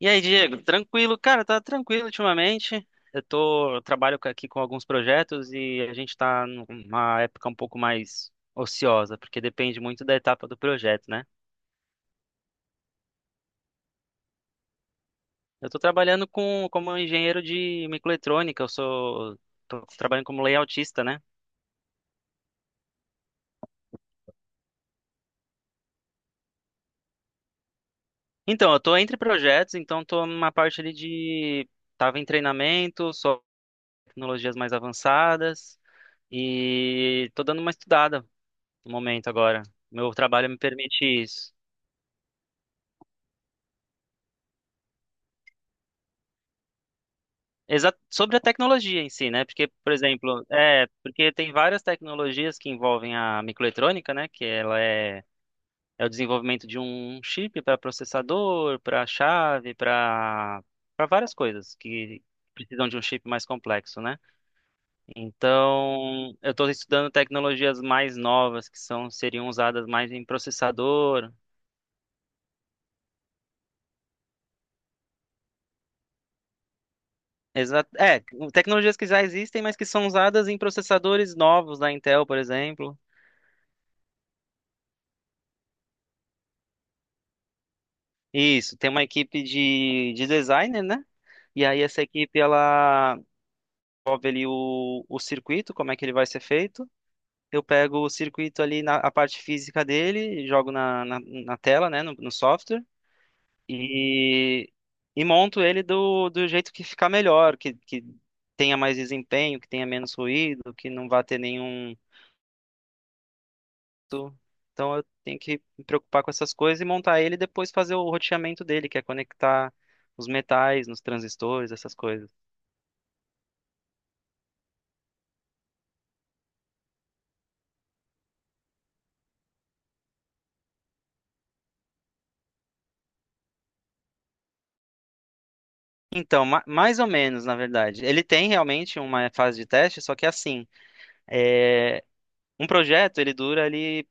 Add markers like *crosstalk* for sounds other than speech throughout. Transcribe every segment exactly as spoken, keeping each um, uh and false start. E aí, Diego, tranquilo? Cara, tá tranquilo ultimamente. Eu tô, eu trabalho com- aqui com alguns projetos, e a gente tá numa época um pouco mais ociosa, porque depende muito da etapa do projeto, né? Eu tô trabalhando com, como engenheiro de microeletrônica, eu sou, tô trabalhando como layoutista, né? Então, eu tô entre projetos, então tô numa parte ali de, tava em treinamento, só tecnologias mais avançadas, e tô dando uma estudada no momento agora. Meu trabalho me permite isso. Exa Sobre a tecnologia em si, né? Porque, por exemplo, é, porque tem várias tecnologias que envolvem a microeletrônica, né? Que ela é, é o desenvolvimento de um chip para processador, para chave, para para várias coisas que precisam de um chip mais complexo, né? Então, eu estou estudando tecnologias mais novas que são seriam usadas mais em processador. Exa é, Tecnologias que já existem, mas que são usadas em processadores novos da Intel, por exemplo. Isso, tem uma equipe de, de designer, né? E aí essa equipe, ela desenvolve ali o, o circuito, como é que ele vai ser feito. Eu pego o circuito ali na a parte física dele, jogo na, na, na tela, né, no, no software, e, e monto ele do, do jeito que ficar melhor, que, que tenha mais desempenho, que tenha menos ruído, que não vá ter nenhum. Então eu tenho que me preocupar com essas coisas e montar ele e depois fazer o roteamento dele, que é conectar os metais nos transistores, essas coisas. Então, ma- mais ou menos, na verdade. Ele tem realmente uma fase de teste, só que assim, é, um projeto ele dura ali,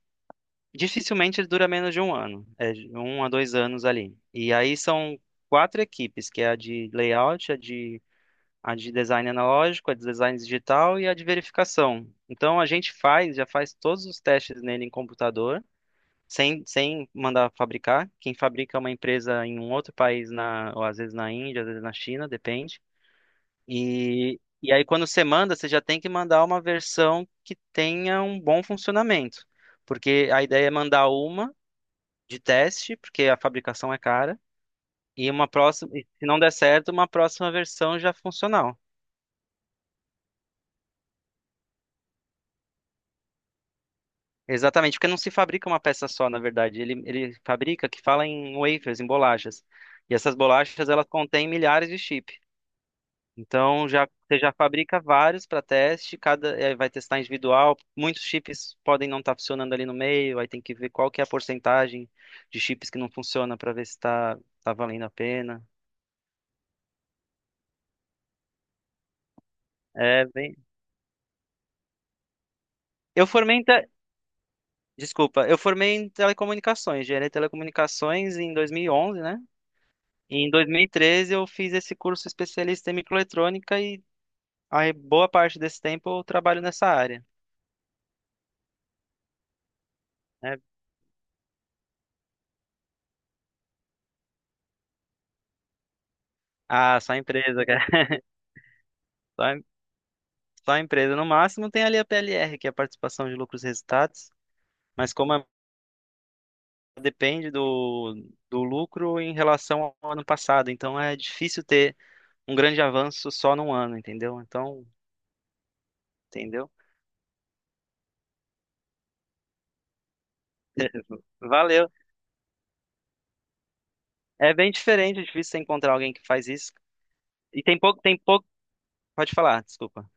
dificilmente ele dura menos de um ano, é de um a dois anos ali. E aí são quatro equipes, que é a de layout, a de a de design analógico, a de design digital e a de verificação. Então a gente faz, já faz todos os testes nele em computador, sem, sem mandar fabricar. Quem fabrica é uma empresa em um outro país, na, ou às vezes na Índia, às vezes na China, depende. E, e aí quando você manda, você já tem que mandar uma versão que tenha um bom funcionamento. Porque a ideia é mandar uma de teste, porque a fabricação é cara, e uma próxima, e se não der certo, uma próxima versão já funcional. Exatamente, porque não se fabrica uma peça só, na verdade. Ele, ele fabrica, que fala em wafers, em bolachas. E essas bolachas, elas contêm milhares de chip. Então, já, você já fabrica vários para teste, cada eh, vai testar individual. Muitos chips podem não estar funcionando ali no meio, aí tem que ver qual que é a porcentagem de chips que não funciona para ver se está tá tá valendo a pena. É, bem... Eu formei em te... Desculpa, eu formei em telecomunicações, engenharia de telecomunicações em dois mil e onze, né? E Em dois mil e treze eu fiz esse curso especialista em microeletrônica, e a boa parte desse tempo eu trabalho nessa área, né? Ah, só empresa, cara. *laughs* Só, em- só empresa. No máximo tem ali a P L R, que é a participação de lucros e resultados, mas como é- depende do, do lucro em relação ao ano passado, então é difícil ter um grande avanço só num ano, entendeu? Então, entendeu? *laughs* Valeu. É bem diferente, é difícil você encontrar alguém que faz isso. E tem pouco, tem pouco. Pode falar, desculpa.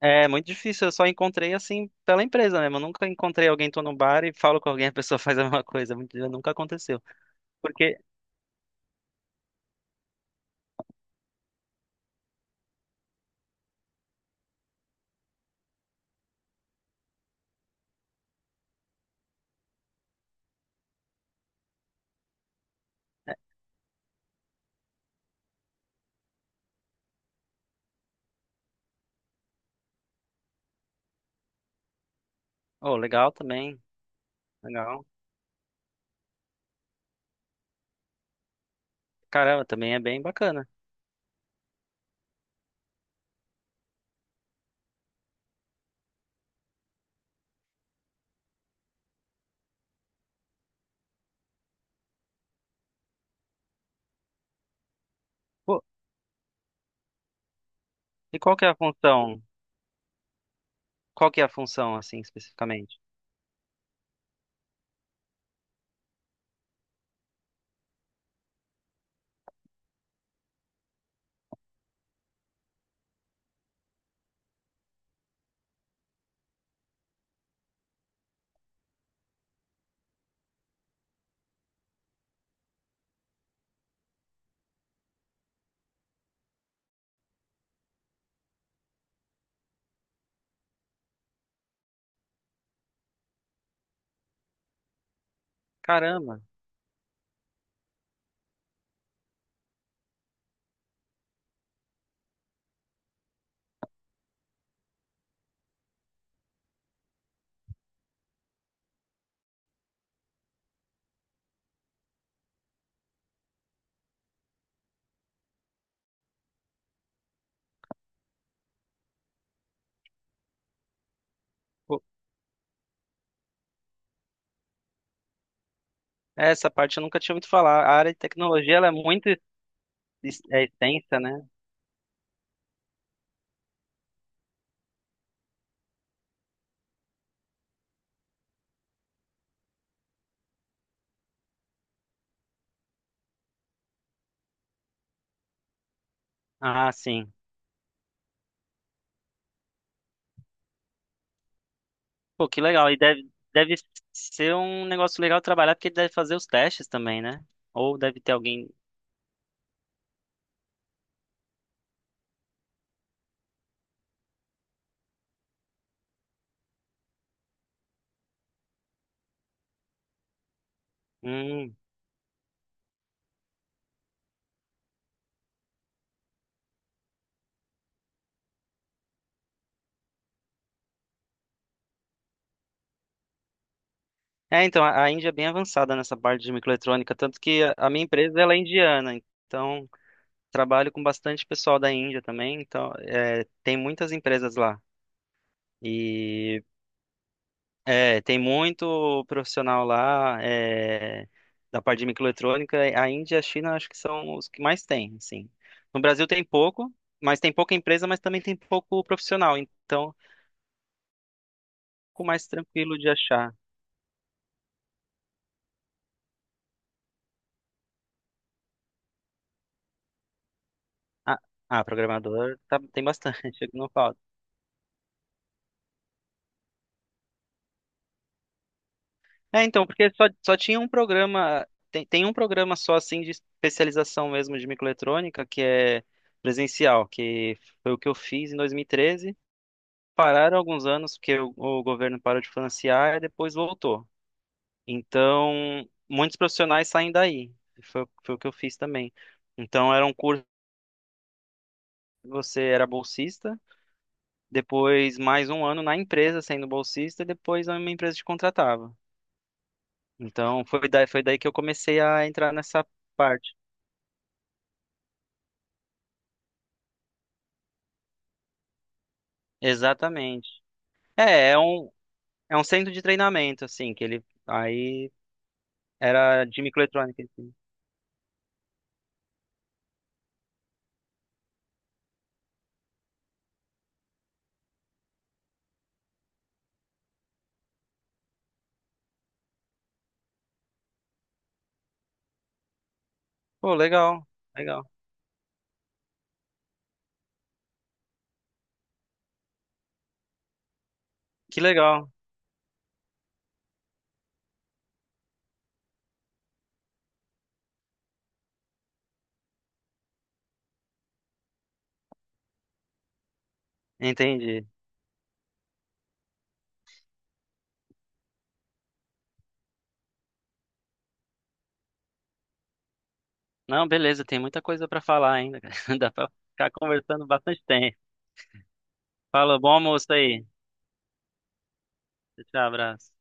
É muito difícil, eu só encontrei assim pela empresa mesmo. Eu nunca encontrei alguém, tô no bar e falo com alguém, a pessoa *laughs* faz a mesma coisa. Muito- Nunca aconteceu. Porque, oh, legal também, legal. Caramba, também é bem bacana. Pô, e qual que é a função? Qual que é a função, assim, especificamente? Caramba, pô, essa parte eu nunca tinha ouvido falar. A área de tecnologia, ela é muito es- é extensa, né? Ah, sim. Pô, que legal. E deve, deve ser um negócio legal trabalhar, porque deve fazer os testes também, né? Ou deve ter alguém. Hum. É, então, a a Índia é bem avançada nessa parte de microeletrônica, tanto que a a minha empresa ela é indiana, então trabalho com bastante pessoal da Índia também, então é, tem muitas empresas lá. E é, Tem muito profissional lá, é, da parte de microeletrônica. A Índia e a China acho que são os que mais tem, assim. No Brasil tem pouco, mas tem pouca empresa, mas também tem pouco profissional, então é um pouco mais tranquilo de achar. Ah, ah, programador tá- tem bastante, *laughs* não falta. É, então, porque só, só tinha um programa, tem, tem um programa só assim de especialização mesmo de microeletrônica, que é presencial, que foi o que eu fiz em dois mil e treze. Pararam alguns anos porque o, o governo parou de financiar e depois voltou. Então, muitos profissionais saem daí. Foi, foi o que eu fiz também. Então, era um curso que você era bolsista, depois mais um ano na empresa sendo bolsista, e depois uma empresa te contratava. Então, foi daí, foi daí que eu comecei a entrar nessa parte. Exatamente. É, é um, é um centro de treinamento, assim, que ele. Aí era de microeletrônica, assim. Pô, legal, legal. Que legal. Entendi. Não, beleza, tem muita coisa pra falar ainda, cara. *laughs* Dá pra ficar conversando bastante tempo. Fala, bom almoço aí. Tchau, abraço.